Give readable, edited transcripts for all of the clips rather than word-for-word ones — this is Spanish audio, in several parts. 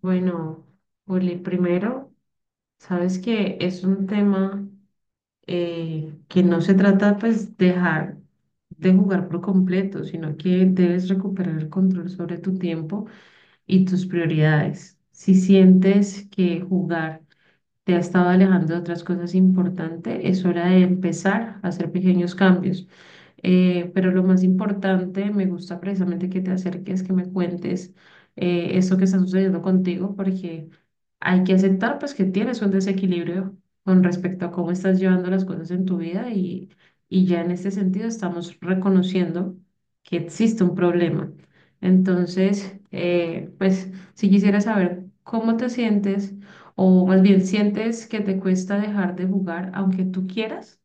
Bueno, Juli, primero, sabes que es un tema que no se trata pues dejar de jugar por completo, sino que debes recuperar el control sobre tu tiempo y tus prioridades. Si sientes que jugar te ha estado alejando de otras cosas importantes, es hora de empezar a hacer pequeños cambios. Pero lo más importante, me gusta precisamente que te acerques, que me cuentes eso que está sucediendo contigo, porque hay que aceptar pues que tienes un desequilibrio con respecto a cómo estás llevando las cosas en tu vida y ya en este sentido estamos reconociendo que existe un problema. Entonces, pues si quisiera saber cómo te sientes o más bien sientes que te cuesta dejar de jugar aunque tú quieras.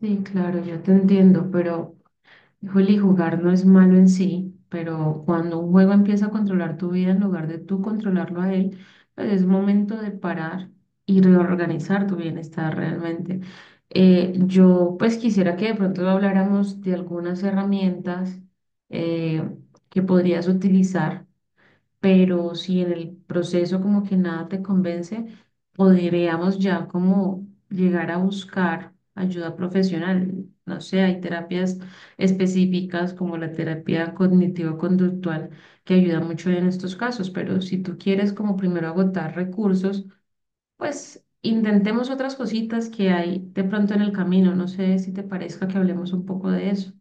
Sí, claro, yo te entiendo, pero... Híjole, jugar no es malo en sí, pero cuando un juego empieza a controlar tu vida en lugar de tú controlarlo a él, pues es momento de parar y reorganizar tu bienestar realmente. Yo pues quisiera que de pronto habláramos de algunas herramientas eh, que podrías utilizar pero si en el proceso como que nada te convence, podríamos ya como llegar a buscar ayuda profesional. No sé, hay terapias específicas como la terapia cognitivo-conductual que ayuda mucho en estos casos, pero si tú quieres como primero agotar recursos, pues intentemos otras cositas que hay de pronto en el camino. No sé si te parezca que hablemos un poco de eso.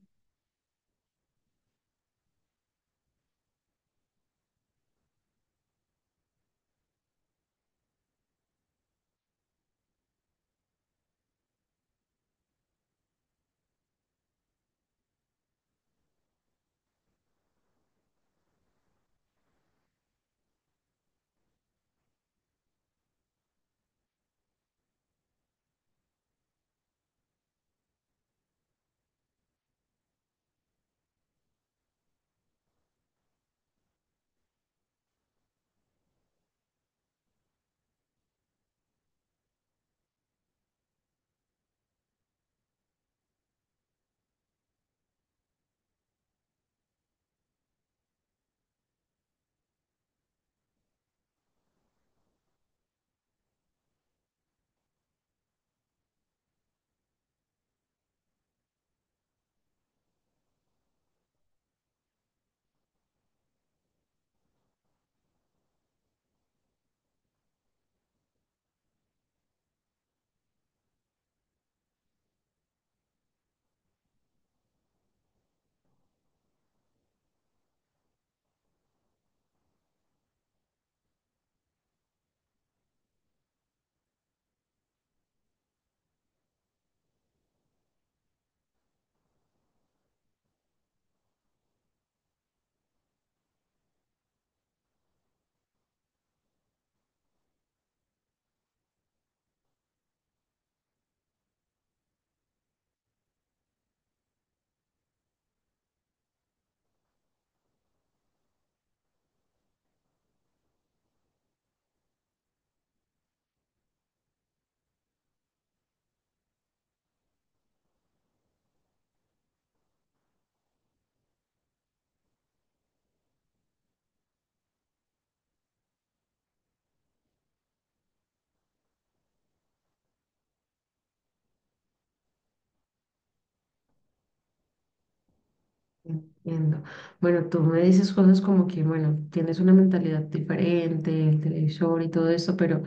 Entiendo. Bueno, tú me dices cosas como que, bueno, tienes una mentalidad diferente, el televisor y todo eso, pero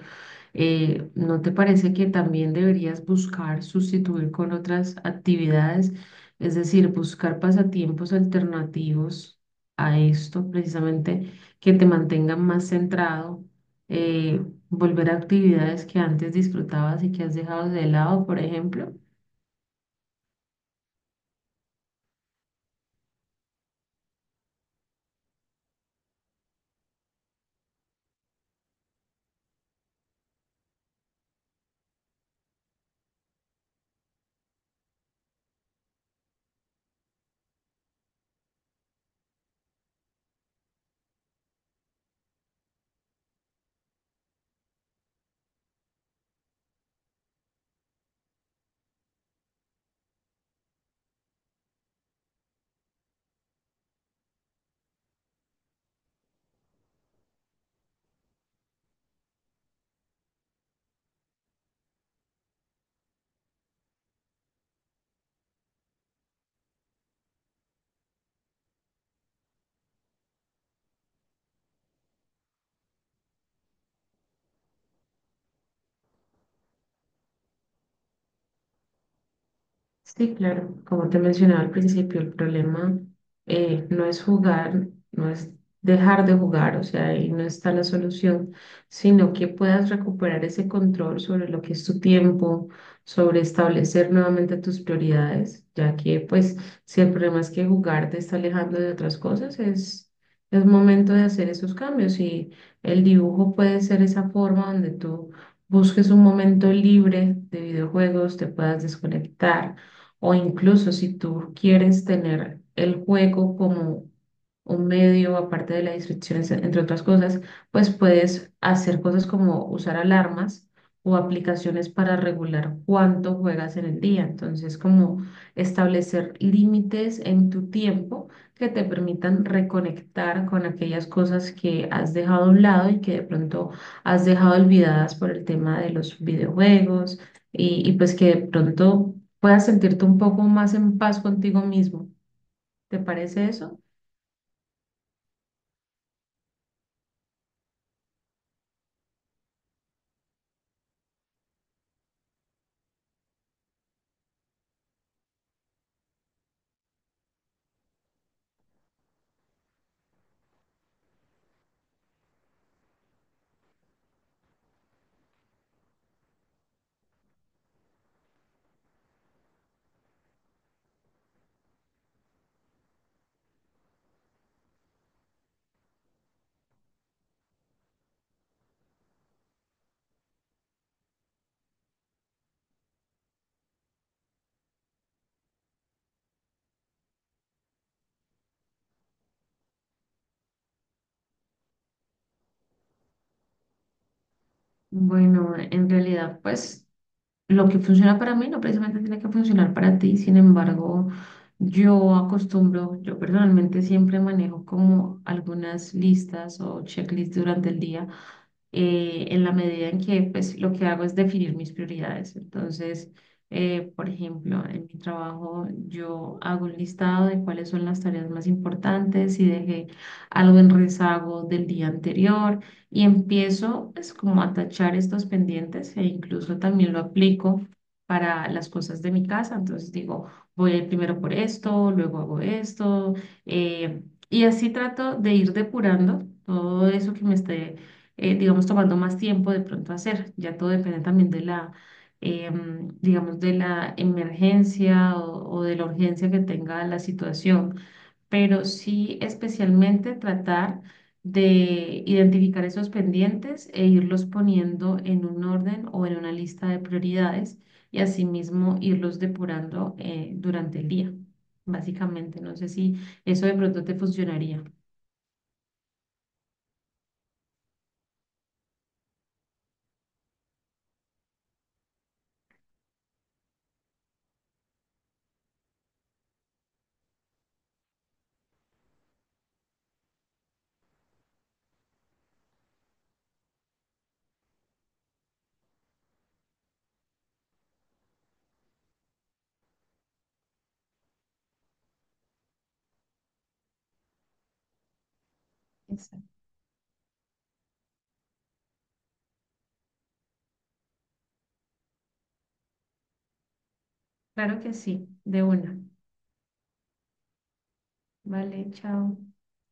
¿no te parece que también deberías buscar sustituir con otras actividades? Es decir, buscar pasatiempos alternativos a esto, precisamente que te mantengan más centrado, volver a actividades que antes disfrutabas y que has dejado de lado, por ejemplo. Sí, claro, como te mencionaba al principio, el problema no es jugar, no es dejar de jugar, o sea, ahí no está la solución, sino que puedas recuperar ese control sobre lo que es tu tiempo, sobre establecer nuevamente tus prioridades, ya que pues si el problema es que jugar te está alejando de otras cosas, es momento de hacer esos cambios y el dibujo puede ser esa forma donde tú busques un momento libre de videojuegos, te puedas desconectar o incluso si tú quieres tener el juego como un medio, aparte de las distracciones entre otras cosas, pues puedes hacer cosas como usar alarmas o aplicaciones para regular cuánto juegas en el día. Entonces, como establecer límites en tu tiempo que te permitan reconectar con aquellas cosas que has dejado a un lado y que de pronto has dejado olvidadas por el tema de los videojuegos y pues que de pronto puedas sentirte un poco más en paz contigo mismo. ¿Te parece eso? Bueno, en realidad, pues lo que funciona para mí no precisamente tiene que funcionar para ti. Sin embargo, yo acostumbro, yo personalmente siempre manejo como algunas listas o checklists durante el día en la medida en que pues lo que hago es definir mis prioridades. Entonces, por ejemplo, en mi trabajo yo hago un listado de cuáles son las tareas más importantes, si dejé algo en rezago del día anterior y empiezo pues como a tachar estos pendientes e incluso también lo aplico para las cosas de mi casa. Entonces digo, voy a ir primero por esto, luego hago esto, eh, y así trato de ir depurando todo eso que me esté digamos, tomando más tiempo de pronto hacer. Ya todo depende también de digamos, de la emergencia o de la urgencia que tenga la situación, pero sí especialmente tratar de identificar esos pendientes e irlos poniendo en un orden o en una lista de prioridades y asimismo irlos depurando durante el día, básicamente. No sé si eso de pronto te funcionaría. Exacto. Claro que sí, de una. Vale, chao.